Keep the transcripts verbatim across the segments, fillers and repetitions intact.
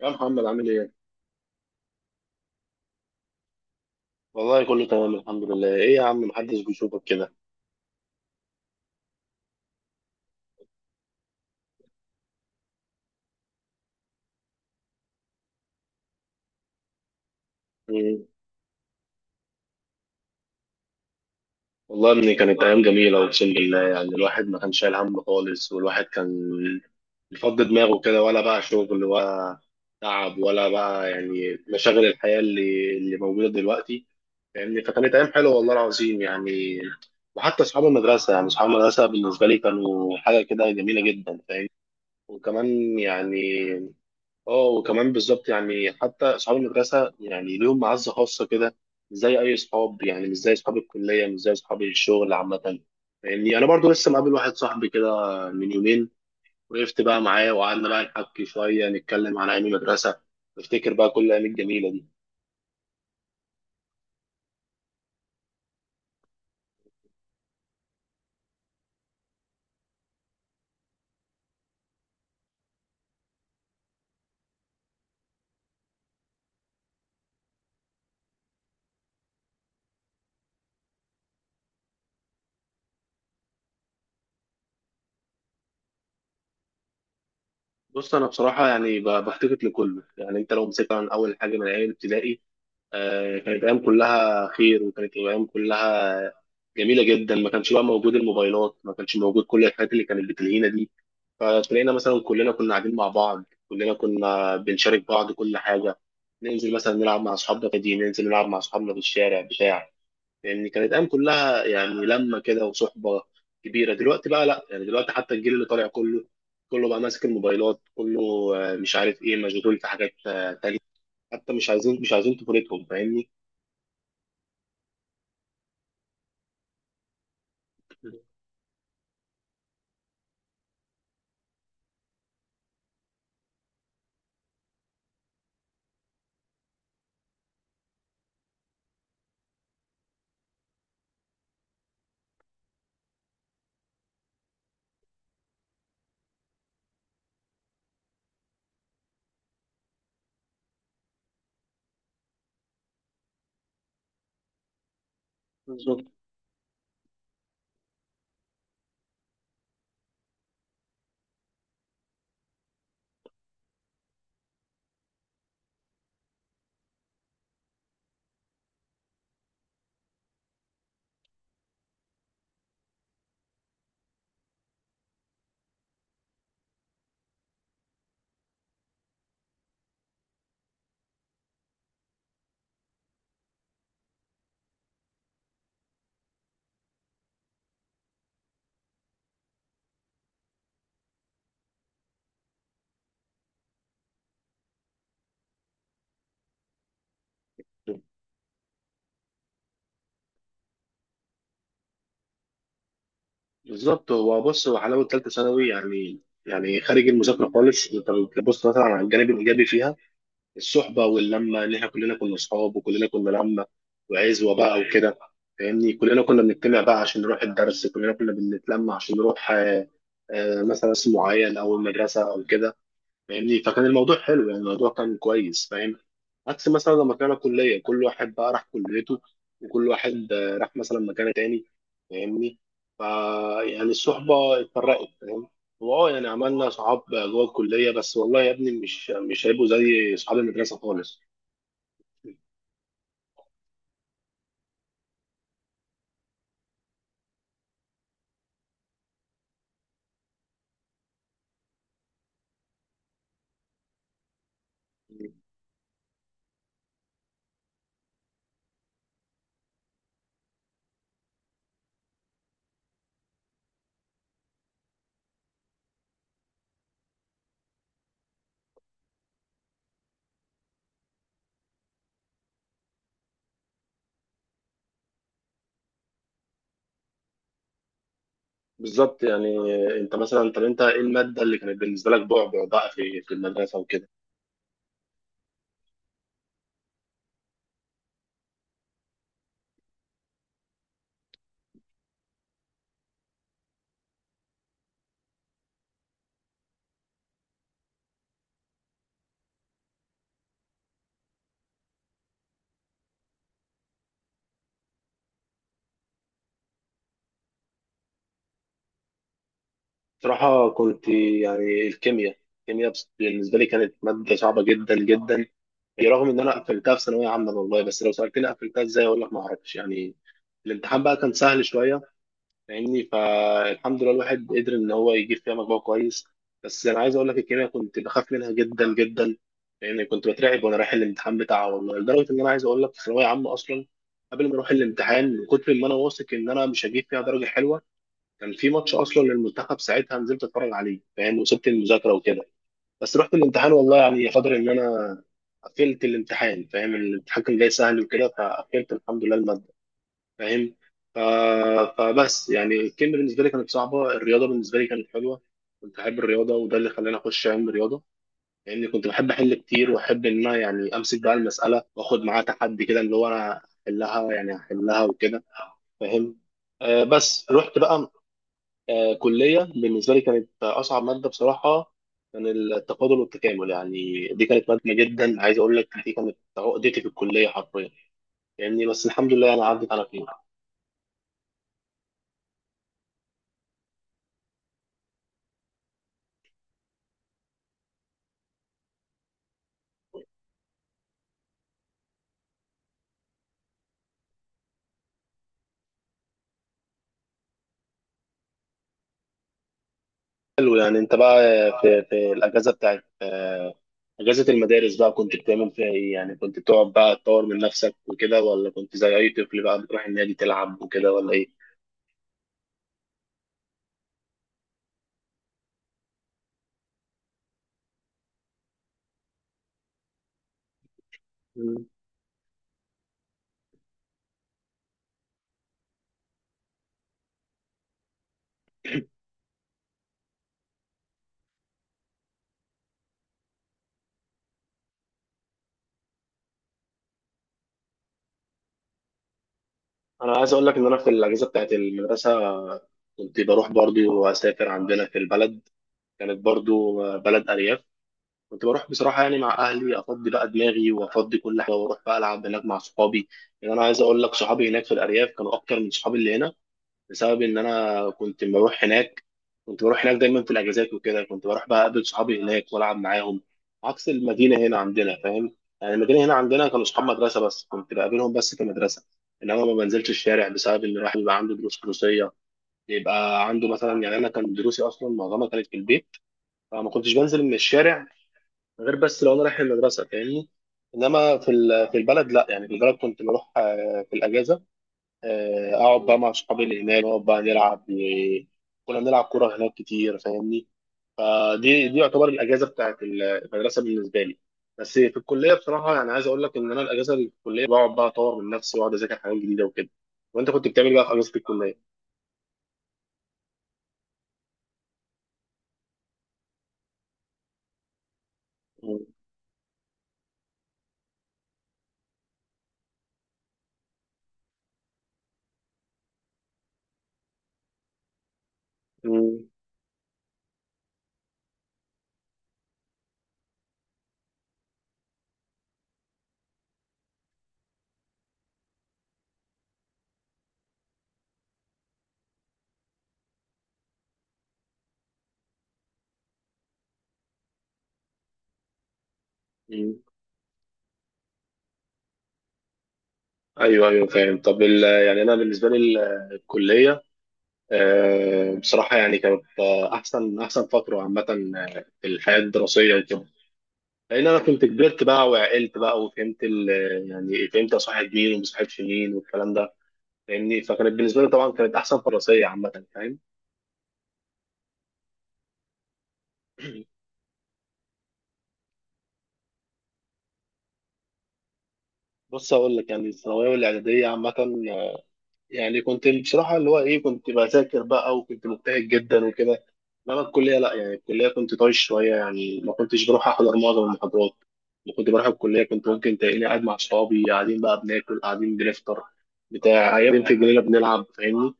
يا محمد عامل ايه؟ والله كله تمام الحمد لله، ايه يا عم محدش بيشوفك كده؟ مم. والله يا ابني كانت ايام جميلة اقسم بالله يعني الواحد ما كانش شايل هم خالص والواحد كان بيفضي دماغه كده ولا بقى شغل ولا تعب ولا بقى يعني مشاغل الحياة اللي اللي موجودة دلوقتي فاهمني، فكانت ايام حلوة والله العظيم يعني. وحتى اصحاب المدرسة، يعني اصحاب المدرسة بالنسبة لي كانوا حاجة كده جميلة جدا، فاهم؟ وكمان يعني اه وكمان بالظبط يعني حتى اصحاب المدرسه يعني ليهم معزه خاصه كده، مش زي اي اصحاب، يعني مش زي اصحاب الكليه مش زي اصحاب الشغل عامه. يعني انا برضو لسه مقابل واحد صاحبي كده من يومين، وقفت بقى معاه وقعدنا بقى نحكي شويه نتكلم عن ايام المدرسه، نفتكر بقى كل الايام الجميله دي. بص انا بصراحه يعني ب- بفتقد لكله. يعني انت لو مسكت عن اول حاجه من ايام ابتدائي، آه، كانت ايام كلها خير وكانت ايام كلها جميله جدا، ما كانش بقى موجود الموبايلات ما كانش موجود كل الحاجات اللي كانت بتلهينا دي، فتلاقينا مثلا كلنا كنا قاعدين مع بعض كلنا كنا بنشارك بعض كل حاجه. ننزل مثلا نلعب مع اصحابنا في دي، ننزل نلعب مع اصحابنا في الشارع بتاع، يعني كانت ايام كلها يعني لمه كده وصحبه كبيره. دلوقتي بقى لا، يعني دلوقتي حتى الجيل اللي طالع كله، كله بقى ماسك الموبايلات، كله آه، مش عارف ايه، مشغول في حاجات آه، تانية، حتى مش عايزين مش عايزين طفولتهم فاهمني. بالظبط، بالظبط هو بص هو حلاوه ثالثه ثانوي يعني، يعني خارج المذاكره خالص، انت بتبص مثلا على الجانب الايجابي فيها، الصحبه واللمه ان احنا كلنا كنا اصحاب وكلنا كنا لمه وعزوه بقى وكده. فاهمني، كلنا كنا بنجتمع بقى عشان نروح الدرس، كلنا كنا بنتلمع عشان نروح آه، آه، مثلا اسم معين او المدرسه او كده فاهمني، فكان الموضوع حلو يعني الموضوع كان كويس فاهم. عكس مثلا لما كان كلية كل واحد بقى راح كليته، وكل واحد آه، راح مثلا مكان تاني فاهمني، فا يعني الصحبة اتفرقت فاهم. واه يعني عملنا صحاب جوه الكلية، بس والله يا ابني مش مش هيبقوا زي صحاب المدرسة خالص. بالظبط يعني آه، انت مثلا، طب انت ايه المادة اللي كانت بالنسبة لك بعبع بقى في في المدرسة وكده؟ صراحة كنت يعني الكيمياء الكيمياء بس- بالنسبة لي كانت مادة صعبة جدا جدا، رغم إن أنا قفلتها في ثانوية عامة والله، بس لو سألتني قفلتها إزاي أقول لك ما أعرفش يعني. الامتحان بقى كان سهل شوية فاهمني، فالحمد لله الواحد قدر إن هو يجيب فيها مجموع كويس. بس أنا عايز أقول لك الكيمياء كنت بخاف منها جدا جدا، لأن كنت بترعب وأنا رايح الامتحان بتاعها والله، لدرجة إن أنا عايز أقول لك في ثانوية عامة أصلا قبل ما أروح الامتحان من كتر ما أنا واثق إن أنا مش هجيب فيها درجة حلوة، كان في ماتش اصلا للمنتخب ساعتها نزلت اتفرج عليه فاهم، وسبت المذاكره وكده. بس رحت الامتحان والله يعني قدر ان انا قفلت الامتحان فاهم، الامتحان كان جاي سهل وكده فقفلت الحمد لله الماده فاهم. ف... فبس يعني الكيمياء بالنسبه لي كانت صعبه، الرياضه بالنسبه لي كانت حلوه، كنت احب الرياضه وده اللي خلاني اخش علم الرياضه، لان يعني كنت بحب احل كتير واحب ان انا يعني امسك بقى المساله واخد معاها تحدي كده اللي هو انا احلها يعني احلها وكده فاهم. آه بس رحت بقى آه، كلية، بالنسبة لي كانت أصعب مادة بصراحة كان التفاضل والتكامل، يعني دي كانت مادة جدا، عايز أقول لك دي كانت عقدتي في الكلية حرفيا يعني، بس الحمد لله أنا عدت على خير. حلو، يعني أنت بقى في, في الأجازة بتاعت آه، أجازة المدارس بقى كنت بتعمل فيها إيه؟ يعني كنت بتقعد بقى تطور من نفسك وكده، ولا كنت زي أي طفل بقى بتروح النادي تلعب وكده، ولا إيه؟ مم. أنا عايز أقول لك إن أنا في الأجازة بتاعت المدرسة كنت بروح برضو وأسافر عندنا في البلد، كانت برضو بلد أرياف، كنت بروح بصراحة يعني مع أهلي أفضي بقى دماغي وأفضي كل حاجة وأروح بقى ألعب هناك مع صحابي. يعني أنا عايز أقول لك صحابي هناك في الأرياف كانوا أكتر من صحابي اللي هنا، بسبب إن أنا كنت بروح هناك، كنت بروح هناك دايما في الأجازات وكده، كنت بروح بقى أقابل صحابي هناك وألعب معاهم عكس المدينة هنا عندنا فاهم. يعني المدينة هنا عندنا كانوا صحاب مدرسة بس، كنت بقابلهم بس في المدرسة، إنما ما بنزلش الشارع بسبب إن الواحد بيبقى عنده دروس دروسية، يبقى عنده مثلا، يعني أنا كان دروسي أصلا معظمها كانت في البيت، فما كنتش بنزل من الشارع غير بس لو انا رايح المدرسه فاهمني. انما في ال- في البلد لا، يعني في البلد كنت بروح آه، في الاجازه، آه، اقعد بقى مع اصحابي اللي هناك، نقعد بقى نلعب و- كنا بنلعب كوره هناك كتير فاهمني، فدي دي يعتبر الاجازه بتاعت المدرسه بالنسبه لي. بس في الكليه بصراحه يعني عايز اقول لك ان انا الاجازه اللي في الكليه بقعد بقى اطور من نفسي واقعد اذاكر حاجات جديده وكده. وانت كنت بتعمل إيه بقى في اجازه الكليه؟ مم. مم. مم. ايوه ايوه فاهم. طب ال- يعني انا بالنسبه لي ال- الكليه آه، بصراحة يعني كانت آه، أحسن أحسن فترة عامة آه، في الحياة الدراسية وكده، لأن أنا كنت كبرت بقى وعقلت بقى وفهمت ال- آه، يعني فهمت أصاحب مين وما أصاحبش مين والكلام ده فاهمني، فكانت بالنسبة لي طبعا كانت أحسن فترة دراسية عامة فاهم. بص أقول لك، يعني الثانوية والإعدادية عامة يعني كنت بصراحة اللي هو إيه، كنت بذاكر بقى وكنت مجتهد جدا وكده. إنما الكلية لأ، يعني الكلية كنت طايش شوية يعني ما كنتش بروح أحضر معظم المحاضرات، ما كنت بروح الكلية، كنت ممكن تلاقيني قاعد مع أصحابي قاعدين بقى بناكل قاعدين بنفطر بتاع قاعدين في الجنينة بنلعب فاهمني.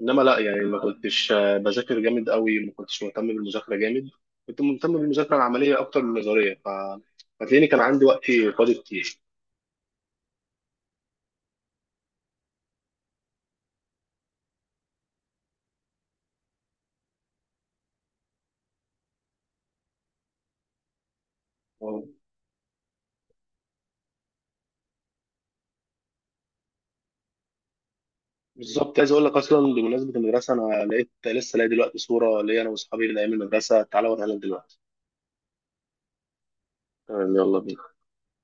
إنما لأ يعني ما كنتش آه، بذاكر جامد قوي، ما كنتش مهتم بالمذاكرة جامد، كنت مهتم بالمذاكرة العملية أكتر من النظرية، ف- فتلاقيني كان عندي وقت فاضي كتير. بالظبط، عايز اقول لك اصلا بمناسبه المدرسه انا لقيت لسه لاقي دلوقتي صوره ليا انا واصحابي من ايام المدرسه، تعالى اوريها لك دلوقتي. تمام يلا بينا.